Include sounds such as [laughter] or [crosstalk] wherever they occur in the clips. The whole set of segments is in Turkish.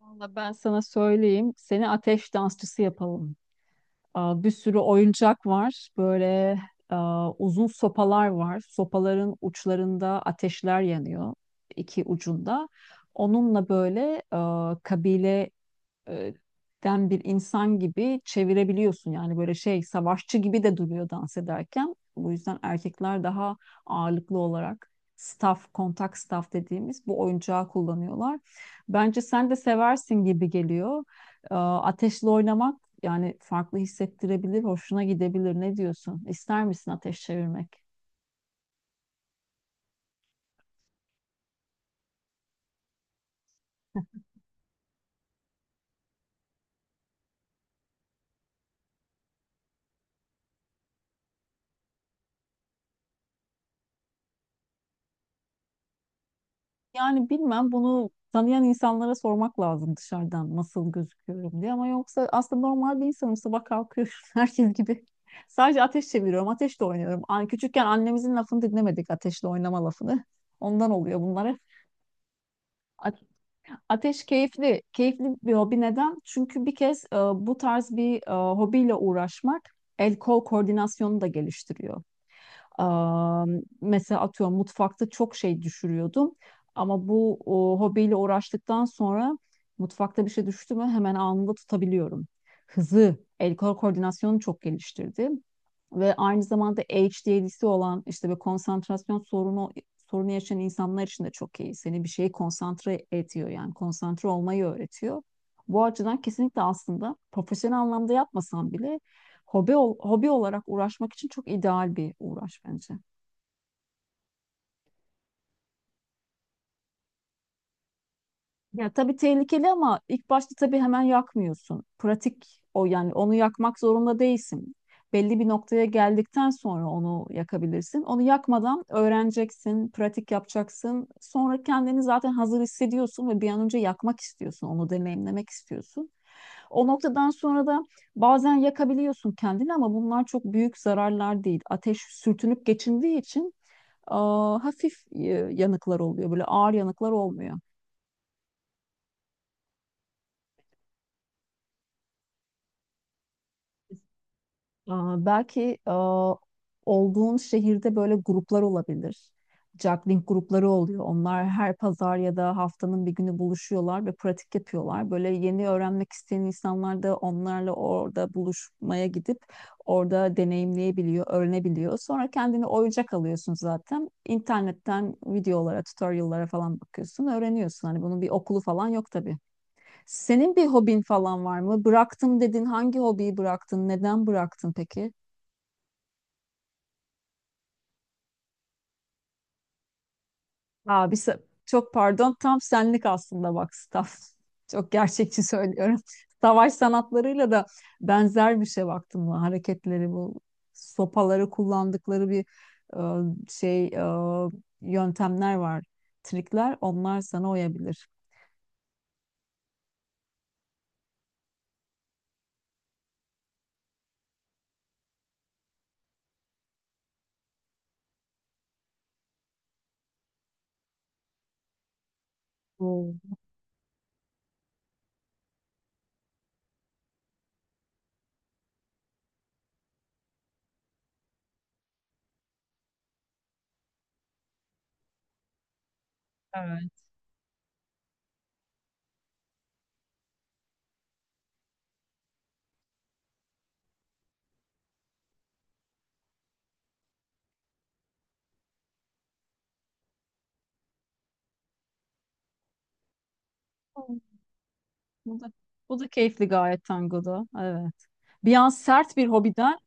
Valla ben sana söyleyeyim. Seni ateş dansçısı yapalım. Bir sürü oyuncak var. Böyle uzun sopalar var. Sopaların uçlarında ateşler yanıyor. İki ucunda. Onunla böyle aa, kabile e, den bir insan gibi çevirebiliyorsun. Yani böyle şey savaşçı gibi de duruyor dans ederken. Bu yüzden erkekler daha ağırlıklı olarak staff, kontak staff dediğimiz bu oyuncağı kullanıyorlar. Bence sen de seversin gibi geliyor. Ateşle oynamak yani farklı hissettirebilir, hoşuna gidebilir. Ne diyorsun? İster misin ateş çevirmek? Yani bilmem bunu tanıyan insanlara sormak lazım dışarıdan nasıl gözüküyorum diye, ama yoksa aslında normal bir insanım, sabah kalkıyorum [laughs] herkes gibi. Sadece ateş çeviriyorum, ateşle oynuyorum. An küçükken annemizin lafını dinlemedik, ateşle oynama lafını. Ondan oluyor bunlara. A- Ateş keyifli, keyifli bir hobi. Neden? Çünkü bir kez bu tarz bir hobiyle uğraşmak el kol koordinasyonunu da geliştiriyor. Mesela atıyorum, mutfakta çok şey düşürüyordum. Ama bu hobiyle uğraştıktan sonra mutfakta bir şey düştü mü hemen anında tutabiliyorum. Hızı, el kol koordinasyonu çok geliştirdi ve aynı zamanda ADHD'si olan, işte bir konsantrasyon sorunu yaşayan insanlar için de çok iyi. Seni bir şeye konsantre ediyor, yani konsantre olmayı öğretiyor. Bu açıdan kesinlikle aslında profesyonel anlamda yapmasan bile hobi hobi olarak uğraşmak için çok ideal bir uğraş bence. Ya tabii tehlikeli, ama ilk başta tabii hemen yakmıyorsun. Pratik yani onu yakmak zorunda değilsin. Belli bir noktaya geldikten sonra onu yakabilirsin. Onu yakmadan öğreneceksin, pratik yapacaksın. Sonra kendini zaten hazır hissediyorsun ve bir an önce yakmak istiyorsun, onu deneyimlemek istiyorsun. O noktadan sonra da bazen yakabiliyorsun kendini ama bunlar çok büyük zararlar değil. Ateş sürtünüp geçindiği için hafif yanıklar oluyor, böyle ağır yanıklar olmuyor. Belki olduğun şehirde böyle gruplar olabilir. Juggling grupları oluyor. Onlar her pazar ya da haftanın bir günü buluşuyorlar ve pratik yapıyorlar. Böyle yeni öğrenmek isteyen insanlar da onlarla orada buluşmaya gidip orada deneyimleyebiliyor, öğrenebiliyor. Sonra kendini oyuncak alıyorsun zaten. İnternetten videolara, tutorial'lara falan bakıyorsun, öğreniyorsun. Hani bunun bir okulu falan yok tabii. Senin bir hobin falan var mı? Bıraktım dedin. Hangi hobiyi bıraktın? Neden bıraktın peki? Abi sa- Çok pardon, tam senlik aslında bak, staff. [laughs] Çok gerçekçi söylüyorum. [laughs] Savaş sanatlarıyla da benzer bir şey baktın mı? Hareketleri, bu sopaları kullandıkları bir e, şey e, yöntemler var. Trikler, onlar sana uyabilir. Oo, evet. Bu da, bu da keyifli gayet tangoda. Evet. Bir an sert bir hobiden.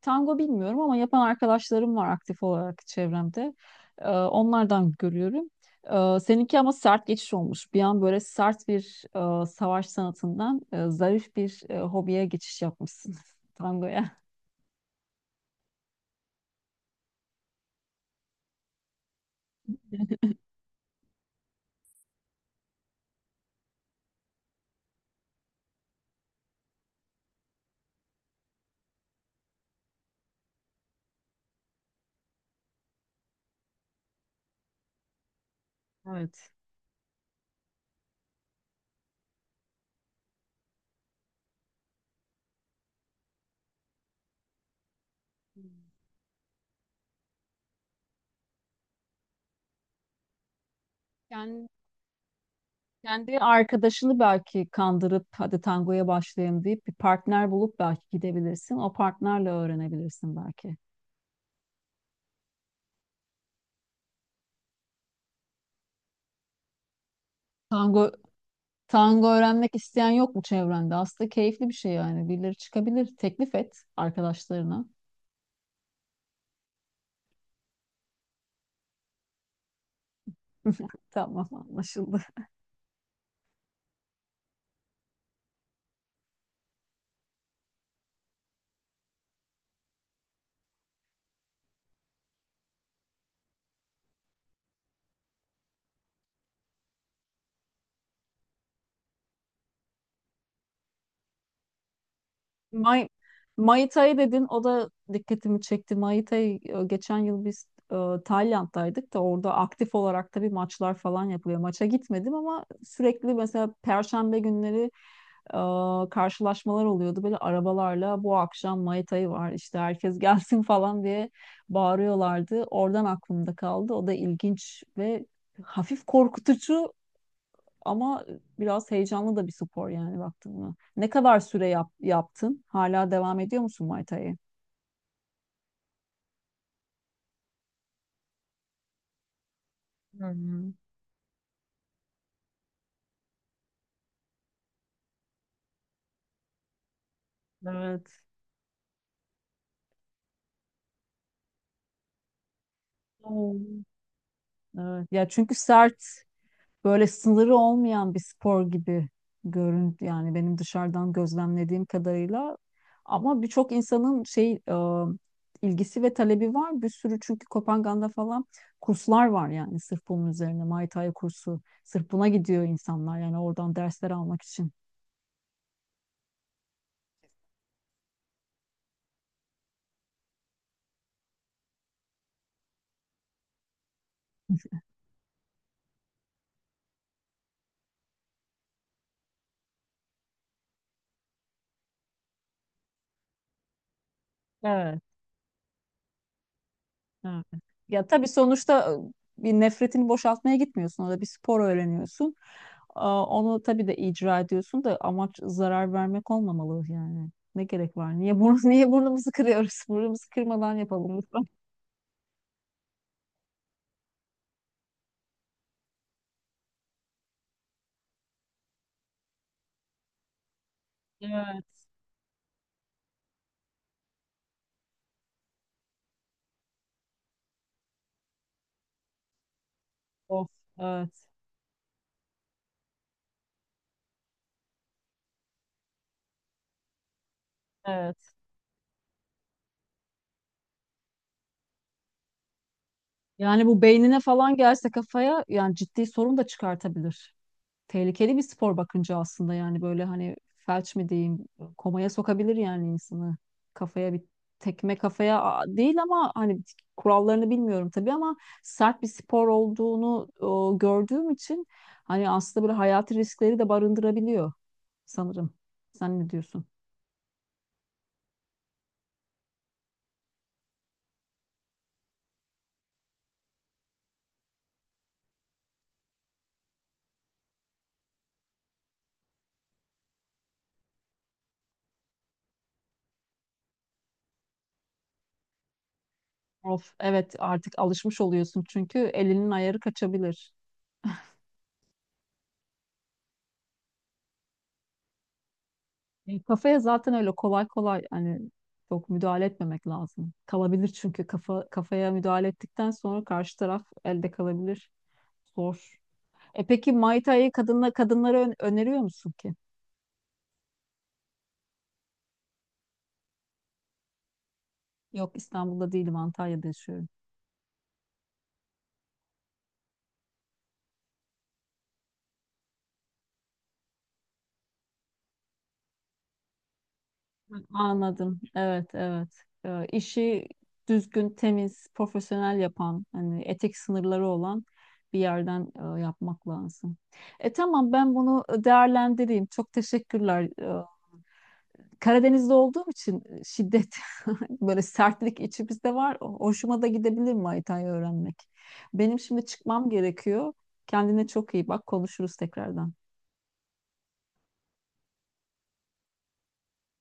Tango bilmiyorum ama yapan arkadaşlarım var aktif olarak çevremde. Onlardan görüyorum. Seninki ama sert geçiş olmuş. Bir an böyle sert bir savaş sanatından zarif bir hobiye geçiş yapmışsın [laughs] tangoya. Evet. Yani kendi arkadaşını belki kandırıp hadi tangoya başlayayım deyip bir partner bulup belki gidebilirsin. O partnerle öğrenebilirsin belki. Tango Tango öğrenmek isteyen yok mu çevrende? Aslında keyifli bir şey yani. Birileri çıkabilir. Teklif et arkadaşlarına. [laughs] Tamam, anlaşıldı. May Mai Tai dedin, o da dikkatimi çekti. Mai Tai, geçen yıl biz Tayland'daydık da orada aktif olarak tabii maçlar falan yapılıyor. Maça gitmedim ama sürekli mesela perşembe günleri karşılaşmalar oluyordu. Böyle arabalarla bu akşam Mai Tai var işte herkes [laughs] gelsin falan diye bağırıyorlardı. Oradan aklımda kaldı. O da ilginç ve hafif korkutucu, ama biraz heyecanlı da bir spor yani, baktın mı? Ne kadar süre yaptın? Hala devam ediyor musun Muay Thai'ye? Hmm, evet. Oo. Evet. Ya çünkü sert, böyle sınırı olmayan bir spor gibi görün yani, benim dışarıdan gözlemlediğim kadarıyla. Ama birçok insanın şey ilgisi ve talebi var. Bir sürü, çünkü Kopenhag'da falan kurslar var yani sırf bunun üzerine Muay Thai kursu. Sırf buna gidiyor insanlar yani oradan dersler almak için. Evet. Evet. Ya tabii sonuçta bir nefretini boşaltmaya gitmiyorsun. Orada bir spor öğreniyorsun. Onu tabii de icra ediyorsun da amaç zarar vermek olmamalı yani. Ne gerek var? Niye burnu, [laughs] niye burnumuzu kırıyoruz? [laughs] Burnumuzu kırmadan yapalım lütfen. Evet, of, evet, evet. Yani bu beynine falan gelse kafaya yani ciddi sorun da çıkartabilir. Tehlikeli bir spor bakınca aslında yani, böyle hani felç mi diyeyim, komaya sokabilir yani insanı, kafaya bir tekme, değil ama hani kurallarını bilmiyorum tabii, ama sert bir spor olduğunu gördüğüm için hani aslında böyle hayati riskleri de barındırabiliyor sanırım. Sen ne diyorsun? Of evet, artık alışmış oluyorsun çünkü elinin ayarı kaçabilir. Kafaya zaten öyle kolay kolay hani çok müdahale etmemek lazım. Kalabilir çünkü kafa kafaya müdahale ettikten sonra karşı taraf elde kalabilir. Zor. E peki Muay Thai'yi kadınla, öneriyor musun ki? Yok, İstanbul'da değilim, Antalya'da yaşıyorum. Hı. Anladım. Evet, evet. İşi düzgün, temiz, profesyonel yapan, hani etik sınırları olan bir yerden yapmak lazım. E tamam, ben bunu değerlendireyim. Çok teşekkürler. Karadeniz'de olduğum için şiddet, [laughs] böyle sertlik içimizde var. Hoşuma da gidebilir Maytay'ı öğrenmek. Benim şimdi çıkmam gerekiyor. Kendine çok iyi bak. Konuşuruz tekrardan.